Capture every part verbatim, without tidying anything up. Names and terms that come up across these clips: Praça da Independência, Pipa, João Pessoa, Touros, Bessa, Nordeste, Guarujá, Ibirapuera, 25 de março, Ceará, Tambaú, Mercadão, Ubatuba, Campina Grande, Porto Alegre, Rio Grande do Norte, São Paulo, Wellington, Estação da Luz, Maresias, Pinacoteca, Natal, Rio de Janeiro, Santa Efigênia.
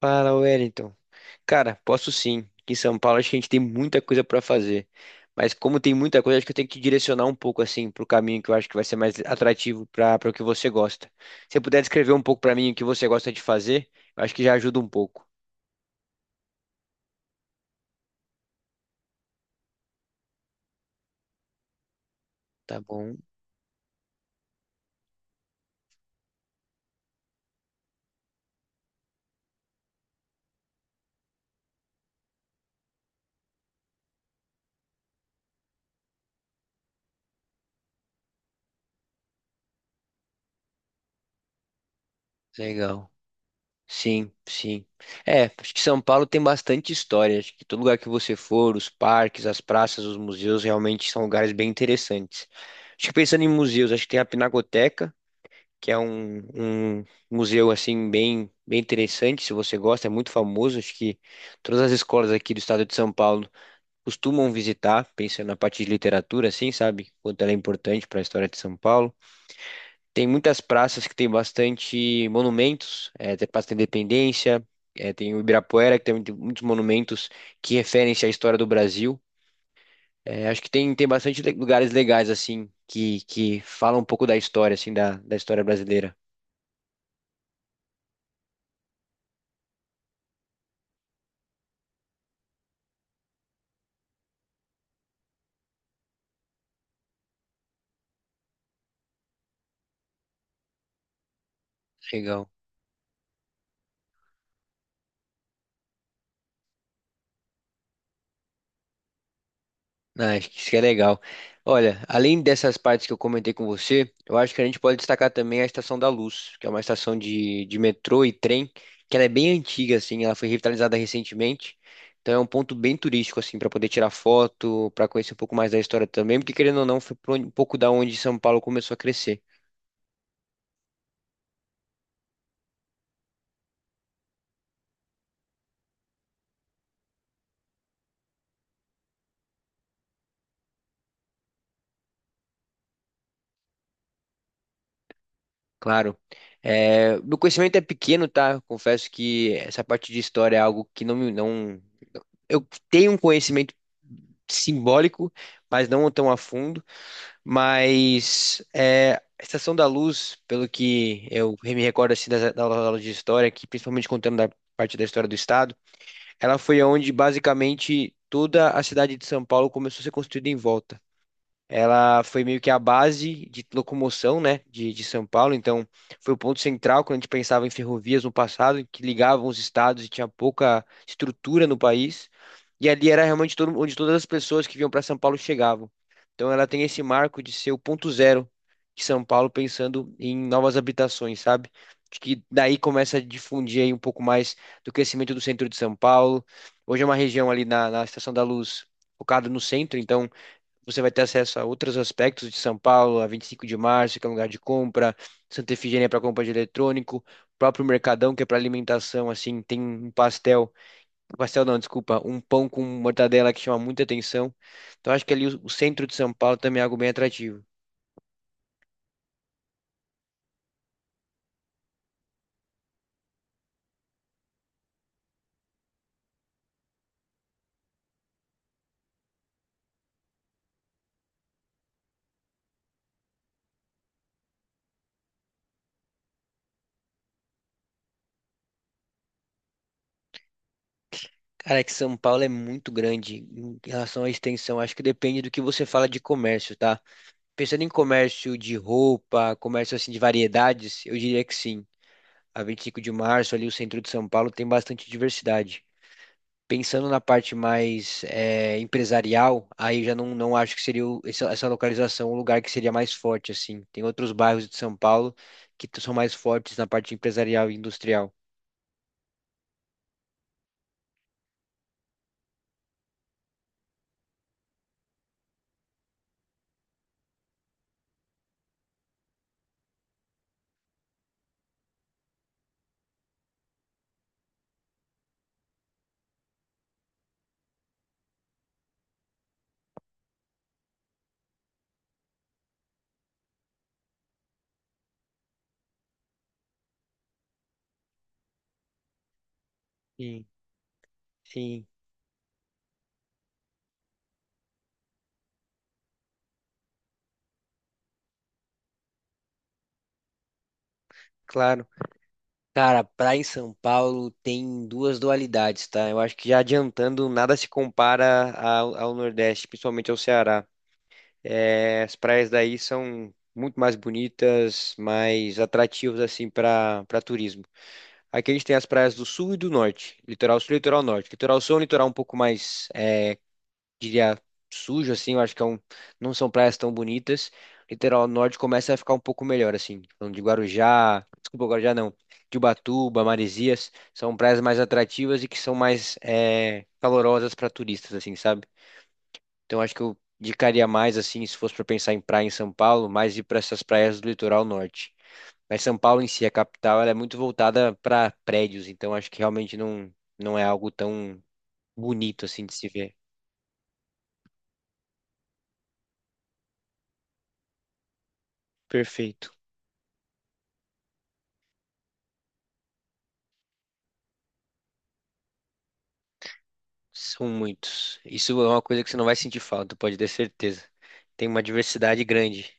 Fala, Wellington. Cara, posso sim. Aqui em São Paulo acho que a gente tem muita coisa para fazer. Mas como tem muita coisa, acho que eu tenho que direcionar um pouco assim para o caminho que eu acho que vai ser mais atrativo para para o que você gosta. Se você puder descrever um pouco para mim o que você gosta de fazer, eu acho que já ajuda um pouco. Tá bom, legal. Sim, sim. É, acho que São Paulo tem bastante história. Acho que todo lugar que você for, os parques, as praças, os museus realmente são lugares bem interessantes. Acho que pensando em museus, acho que tem a Pinacoteca, que é um, um museu assim bem bem interessante, se você gosta, é muito famoso, acho que todas as escolas aqui do estado de São Paulo costumam visitar, pensando na parte de literatura assim, sabe? Quanto ela é importante para a história de São Paulo. Tem muitas praças que tem bastante monumentos, é, tem a Praça da Independência, é, tem o Ibirapuera, que tem muito- muitos monumentos que referem-se à história do Brasil. É, acho que tem, tem bastante le- lugares legais, assim, que, que falam um pouco da história, assim, da, da história brasileira. Legal. Ah, acho que isso que é legal. Olha, além dessas partes que eu comentei com você, eu acho que a gente pode destacar também a Estação da Luz, que é uma estação de, de metrô e trem, que ela é bem antiga, assim, ela foi revitalizada recentemente. Então é um ponto bem turístico, assim, para poder tirar foto, para conhecer um pouco mais da história também, porque querendo ou não, foi por onde- um pouco da onde São Paulo começou a crescer. Claro. É, meu conhecimento é pequeno, tá? Confesso que essa parte de história é algo que não me, não eu tenho um conhecimento simbólico, mas não tão a fundo. Mas é, a Estação da Luz, pelo que eu me recordo assim, das, das aulas de história, que principalmente contando da parte da história do Estado, ela foi onde basicamente toda a cidade de São Paulo começou a ser construída em volta. Ela foi meio que a base de locomoção, né, de, de São Paulo. Então, foi o ponto central quando a gente pensava em ferrovias no passado, que ligavam os estados e tinha pouca estrutura no país. E ali era realmente todo, onde todas as pessoas que vinham para São Paulo chegavam. Então, ela tem esse marco de ser o ponto zero de São Paulo, pensando em novas habitações, sabe? Acho que daí começa a difundir aí um pouco mais do crescimento do centro de São Paulo. Hoje é uma região ali na, na Estação da Luz focada no centro, então. Você vai ter acesso a outros aspectos de São Paulo, a vinte e cinco de março, que é um lugar de compra, Santa Efigênia para compra de eletrônico, o próprio Mercadão, que é para alimentação, assim, tem um pastel, pastel não, desculpa, um pão com mortadela que chama muita atenção. Então acho que ali o, o centro de São Paulo também é algo bem atrativo. Cara, é que São Paulo é muito grande em relação à extensão. Acho que depende do que você fala de comércio, tá? Pensando em comércio de roupa, comércio assim de variedades, eu diria que sim. A vinte e cinco de março, ali o centro de São Paulo, tem bastante diversidade. Pensando na parte mais é, empresarial, aí já não, não acho que seria o- essa, essa localização o lugar que seria mais forte, assim. Tem outros bairros de São Paulo que t- são mais fortes na parte empresarial e industrial. Sim, sim, claro. Cara, praia em São Paulo tem duas dualidades, tá? Eu acho que já adiantando, nada se compara ao, ao Nordeste, principalmente ao Ceará. É, as praias daí são muito mais bonitas, mais atrativas assim para para turismo. Aqui a gente tem as praias do sul e do norte, litoral sul e litoral norte. Litoral sul é um litoral um pouco mais, é, diria, sujo assim, eu acho que é um, não são praias tão bonitas. Litoral norte começa a ficar um pouco melhor assim, falando de Guarujá, desculpa, Guarujá não, de Ubatuba, Maresias, são praias mais atrativas e que são mais é, calorosas para turistas assim, sabe? Então acho que eu indicaria mais assim, se fosse para pensar em praia em São Paulo, mais ir para essas praias do litoral norte. Mas São Paulo em si, a capital, ela é muito voltada para prédios, então acho que realmente não não é algo tão bonito assim de se ver. Perfeito. São muitos. Isso é uma coisa que você não vai sentir falta, pode ter certeza. Tem uma diversidade grande.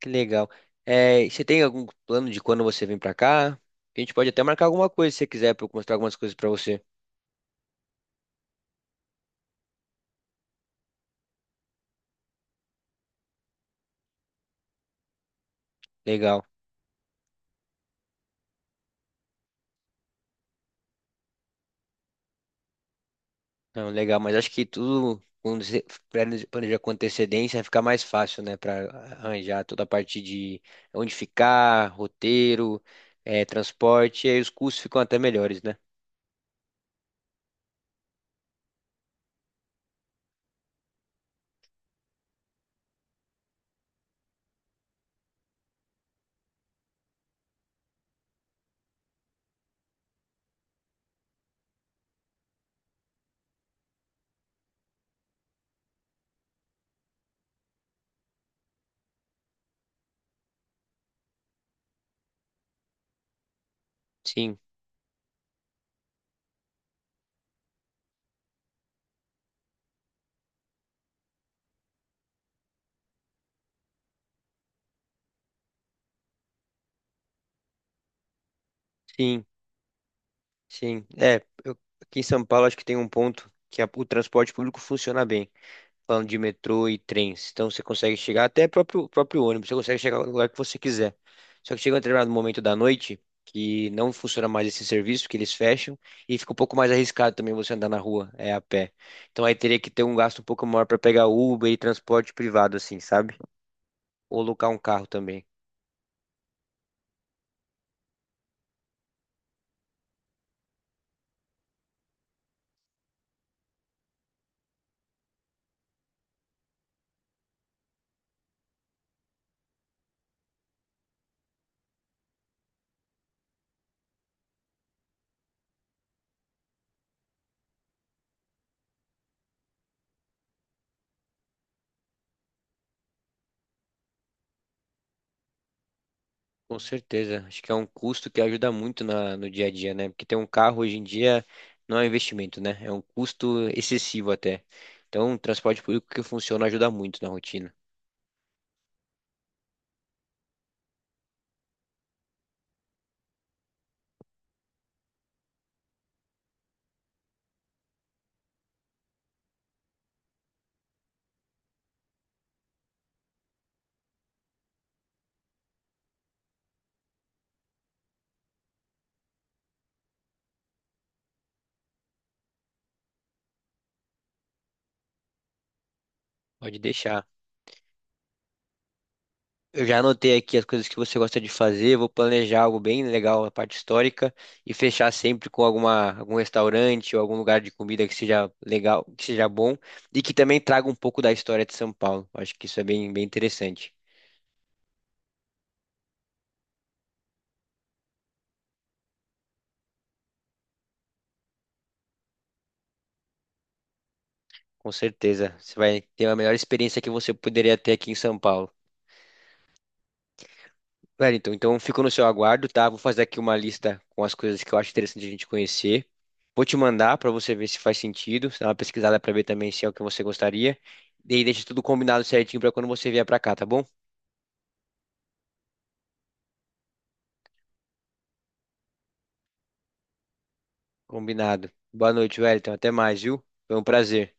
Que legal. É, e você tem algum plano de quando você vem para cá? A gente pode até marcar alguma coisa se você quiser para eu mostrar algumas coisas para você. Legal. Não, legal, mas acho que tudo, quando você plane- planeja com antecedência, fica mais fácil, né, para arranjar toda a parte de onde ficar, roteiro, eh, transporte, e aí os custos ficam até melhores, né? Sim, sim, sim. É, eu- aqui em São Paulo acho que tem um ponto que a- o transporte público funciona bem. Falando de metrô e trens. Então você consegue chegar até próprio próprio ônibus, você consegue chegar no lugar que você quiser. Só que chega um determinado momento da noite que não funciona mais esse serviço, que eles fecham e fica um pouco mais arriscado também você andar na rua, é a pé. Então aí teria que ter um gasto um pouco maior para pegar Uber e transporte privado assim, sabe? Ou locar um carro também. Com certeza. Acho que é um custo que ajuda muito na, no dia a dia, né? Porque ter um carro hoje em dia não é um investimento, né? É um custo excessivo até. Então, o transporte público que funciona ajuda muito na rotina. Pode deixar. Eu já anotei aqui as coisas que você gosta de fazer, vou planejar algo bem legal na parte histórica e fechar sempre com alguma, algum restaurante ou algum lugar de comida que seja legal, que seja bom e que também traga um pouco da história de São Paulo. Acho que isso é bem, bem interessante. Com certeza. Você vai ter a melhor experiência que você poderia ter aqui em São Paulo. Wellington, então fico no seu aguardo, tá? Vou fazer aqui uma lista com as coisas que eu acho interessante a gente conhecer. Vou te mandar para você ver se faz sentido, se dá uma pesquisada para ver também se é o que você gostaria. E aí deixa tudo combinado certinho para quando você vier para cá, tá bom? Combinado. Boa noite, Wellington. Até mais, viu? Foi um prazer.